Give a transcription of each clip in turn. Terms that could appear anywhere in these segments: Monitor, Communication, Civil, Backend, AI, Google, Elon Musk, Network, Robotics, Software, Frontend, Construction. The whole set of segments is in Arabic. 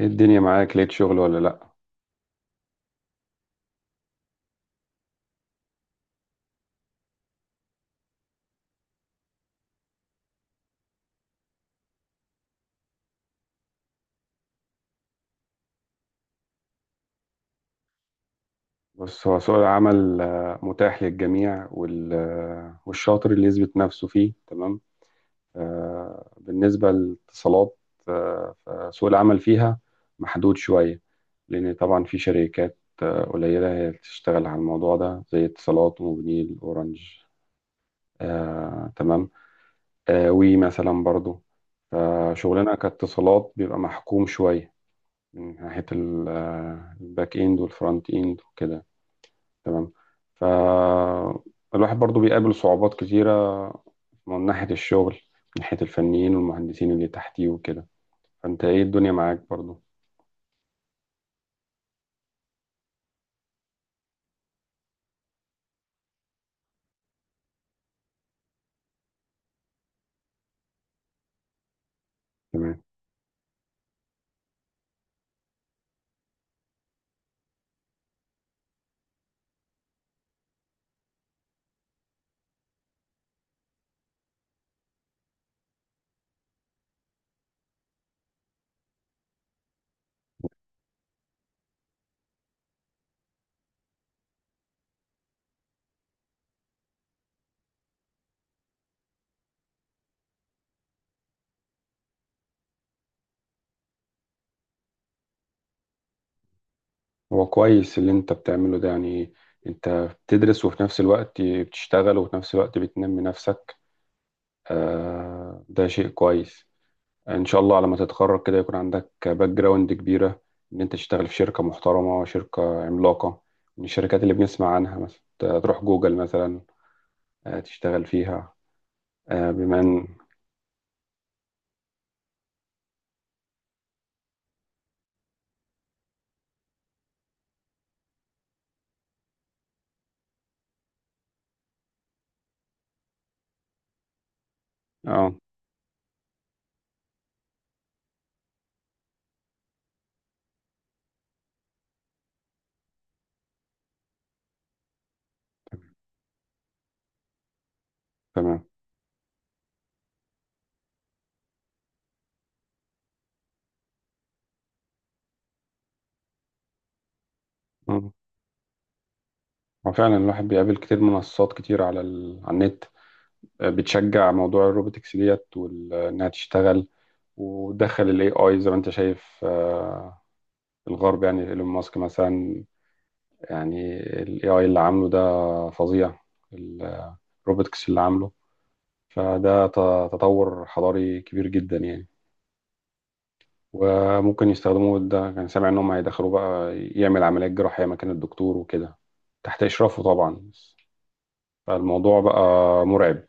ايه الدنيا معاك؟ لقيت شغل ولا لأ؟ بص، هو سوق العمل متاح للجميع والشاطر اللي يثبت نفسه فيه. تمام. بالنسبة للاتصالات، فسوق العمل فيها محدود شوية. لأن طبعا في شركات قليلة هي اللي تشتغل على الموضوع ده، زي اتصالات وموبينيل أورنج. تمام. وي مثلا برضو. فشغلنا كاتصالات بيبقى محكوم شوية، من ناحية الباك إند والفرونت إند وكده. تمام. فالواحد برضو بيقابل صعوبات كتيرة، من ناحية الشغل، من ناحية الفنيين والمهندسين اللي تحتيه وكده. فانت، ايه الدنيا معاك برضو؟ تمام. هو كويس اللي انت بتعمله ده يعني. انت بتدرس، وفي نفس الوقت بتشتغل، وفي نفس الوقت بتنمي نفسك. آه، ده شيء كويس. ان شاء الله على ما تتخرج كده يكون عندك باك جراوند كبيرة، ان انت تشتغل في شركة محترمة، شركة عملاقة من الشركات اللي بنسمع عنها، مثلا تروح جوجل مثلا، تشتغل فيها. بما ان اه تمام. مم. هو فعلا الواحد بيقابل كتير. منصات كتير على على النت، بتشجع موضوع الروبوتكس ديت انها تشتغل. ودخل الاي اي، زي ما انت شايف، الغرب يعني، ايلون ماسك مثلا، يعني الاي اي اللي عامله ده فظيع. الروبوتكس اللي عامله، فده تطور حضاري كبير جدا يعني. وممكن يستخدموه، ده كان سامع ان هم هيدخلوه بقى يعمل عمليات جراحية مكان الدكتور وكده، تحت اشرافه طبعا. فالموضوع بقى مرعب.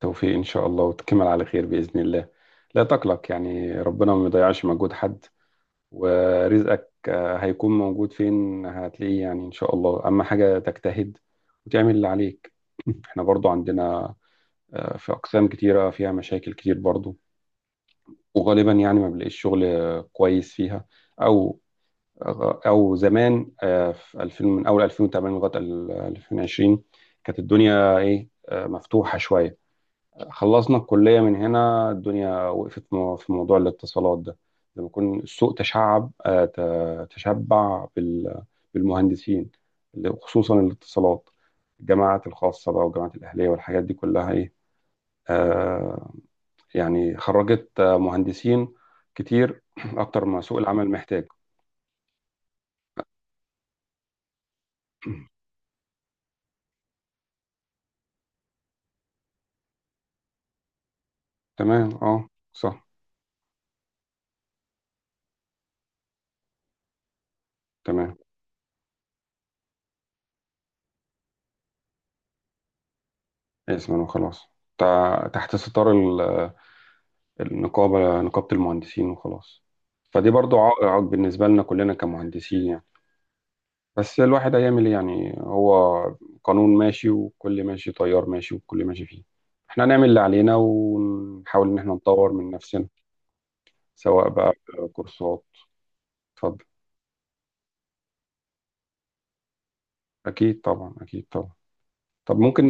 توفيق ان شاء الله وتكمل على خير باذن الله. لا تقلق، يعني ربنا ما بيضيعش مجهود حد. ورزقك هيكون موجود، فين هتلاقيه يعني، ان شاء الله، اما حاجة تجتهد وتعمل اللي عليك. احنا برضو عندنا في اقسام كتيرة فيها مشاكل كتير برضو، وغالبا يعني ما بنلاقيش شغل كويس فيها. او او زمان في 2000، من اول 2008 لغايه 2020، كانت الدنيا ايه، مفتوحه شويه. خلصنا الكليه، من هنا الدنيا وقفت في موضوع الاتصالات ده، لما يكون السوق تشعب، تشبع بالمهندسين، خصوصا الاتصالات. الجامعات الخاصه بقى والجامعات الاهليه والحاجات دي كلها ايه، آه، يعني خرجت مهندسين كتير اكتر ما سوق العمل محتاج. تمام، اه صح. تمام. اسما وخلاص، تحت ستار النقابة، نقابة المهندسين وخلاص. فدي برضو عائق بالنسبة لنا كلنا كمهندسين يعني. بس الواحد هيعمل ايه يعني؟ هو قانون ماشي وكل ماشي، تيار ماشي وكل ماشي فيه. احنا هنعمل اللي علينا ونحاول ان احنا نطور من نفسنا، سواء بقى كورسات. اتفضل. اكيد طبعا، اكيد طبعا. طب ممكن.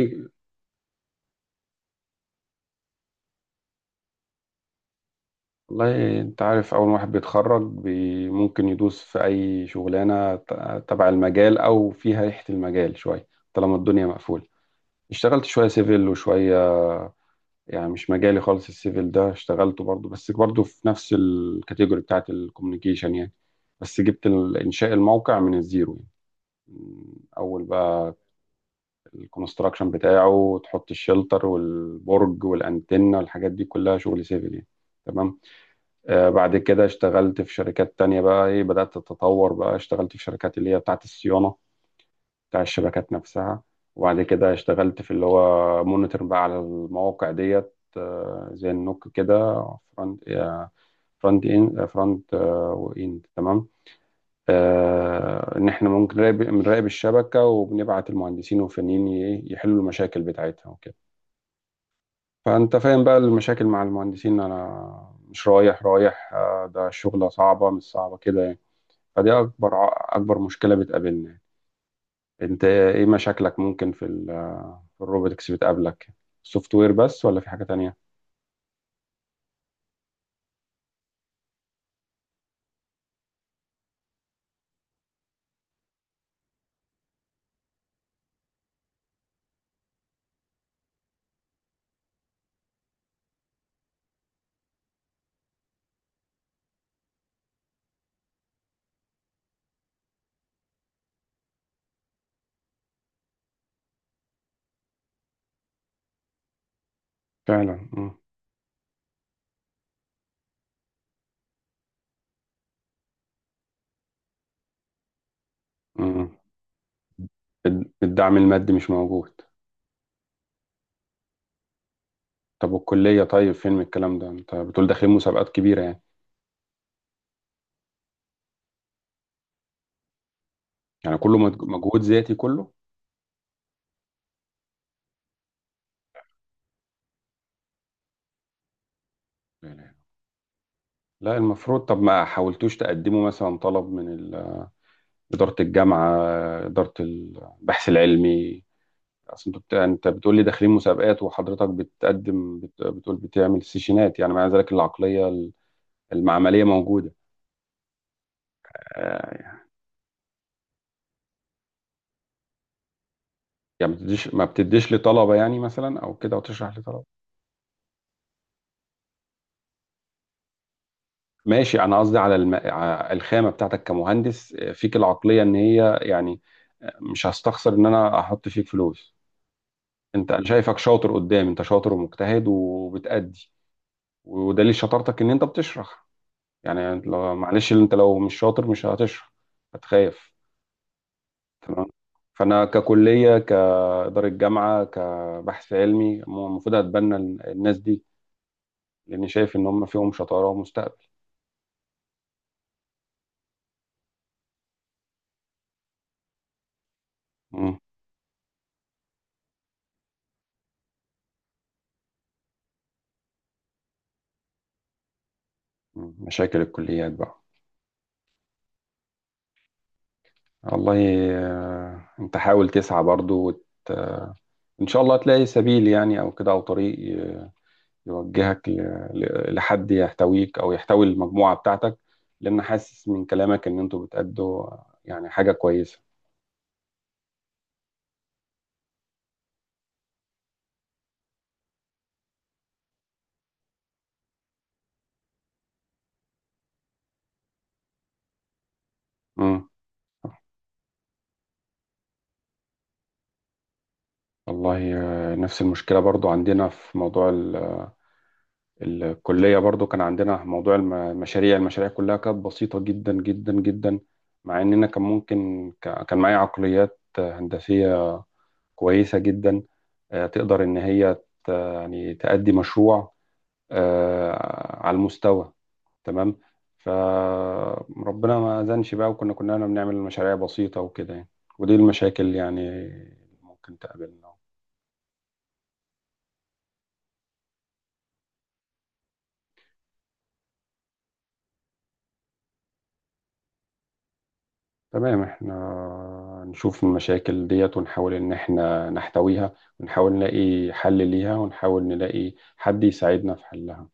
والله انت عارف، اول واحد بيتخرج بي ممكن يدوس في اي شغلانه تبع المجال او فيها ريحه المجال شويه، طالما الدنيا مقفوله. اشتغلت شويه سيفل وشويه، يعني مش مجالي خالص السيفل ده، اشتغلته برضو، بس برضو في نفس الكاتيجوري بتاعت الكوميونيكيشن يعني. بس جبت انشاء الموقع من الزيرو، يعني اول بقى الكونستراكشن بتاعه، تحط الشلتر والبرج والانتنه والحاجات دي كلها شغل سيفل يعني. تمام. بعد كده اشتغلت في شركات تانية، بقى ايه بدأت اتطور، بقى اشتغلت في شركات اللي هي بتاعت الصيانة، بتاع الشبكات نفسها. وبعد كده اشتغلت في اللي هو مونيتور بقى على المواقع ديت، زي النوك كده. فرونت فرونت ان، فرونت واند، تمام. ان احنا ممكن بنراقب الشبكة، وبنبعت المهندسين والفنيين يحلوا المشاكل بتاعتها وكده. فانت فاهم بقى المشاكل مع المهندسين. انا مش رايح رايح، ده شغلة صعبة مش صعبة كده يعني. فدي اكبر اكبر مشكله بتقابلنا. انت ايه مشاكلك ممكن في في الروبوتكس بتقابلك؟ سوفت وير بس ولا في حاجه تانية؟ فعلا. مم. مم. الدعم المادي مش موجود. طب والكليه طيب، فين من الكلام ده؟ انت بتقول داخلين مسابقات كبيره يعني. يعني كله مجهود ذاتي كله. لا لا. لا، المفروض. طب ما حاولتوش تقدموا مثلا طلب من إدارة الجامعة، إدارة البحث العلمي؟ اصل انت انت بتقول لي داخلين مسابقات، وحضرتك بتقول بتعمل سيشنات يعني، مع ذلك العقليه المعمليه موجوده. آه، يعني ما بتديش، ما بتديش لطلبه يعني، مثلا، او كده وتشرح لطلبه. ماشي. انا قصدي على الخامه بتاعتك كمهندس، فيك العقليه ان هي يعني. مش هستخسر ان انا احط فيك فلوس. انت، انا شايفك شاطر قدام. انت شاطر ومجتهد وبتأدي. ودليل شطارتك ان انت بتشرح. يعني معلش، انت لو مش شاطر مش هتشرح، هتخاف. تمام. فانا ككليه، كاداره جامعه، كبحث علمي، المفروض اتبنى الناس دي، لاني شايف ان هم فيهم شطاره ومستقبل. مم. مم. مشاكل الكليات بقى. والله انت حاول تسعى برضو وت... آه، ان شاء الله تلاقي سبيل يعني، او كده، او طريق يوجهك لحد يحتويك، او يحتوي المجموعه بتاعتك. لان حاسس من كلامك ان انتوا بتأدوا يعني حاجه كويسه. مم. والله، نفس المشكلة برضو عندنا في موضوع الكلية. برضو كان عندنا موضوع المشاريع. المشاريع كلها كانت بسيطة جدا جدا جدا، مع إننا كان ممكن كان معايا عقليات هندسية كويسة جدا، تقدر إن هي يعني تأدي مشروع على المستوى. تمام. فربنا ما أذنش بقى، وكنا بنعمل مشاريع بسيطة وكده يعني. ودي المشاكل يعني ممكن تقابلنا. تمام، احنا نشوف المشاكل ديت ونحاول ان احنا نحتويها، ونحاول نلاقي حل ليها، ونحاول نلاقي حد يساعدنا في حلها.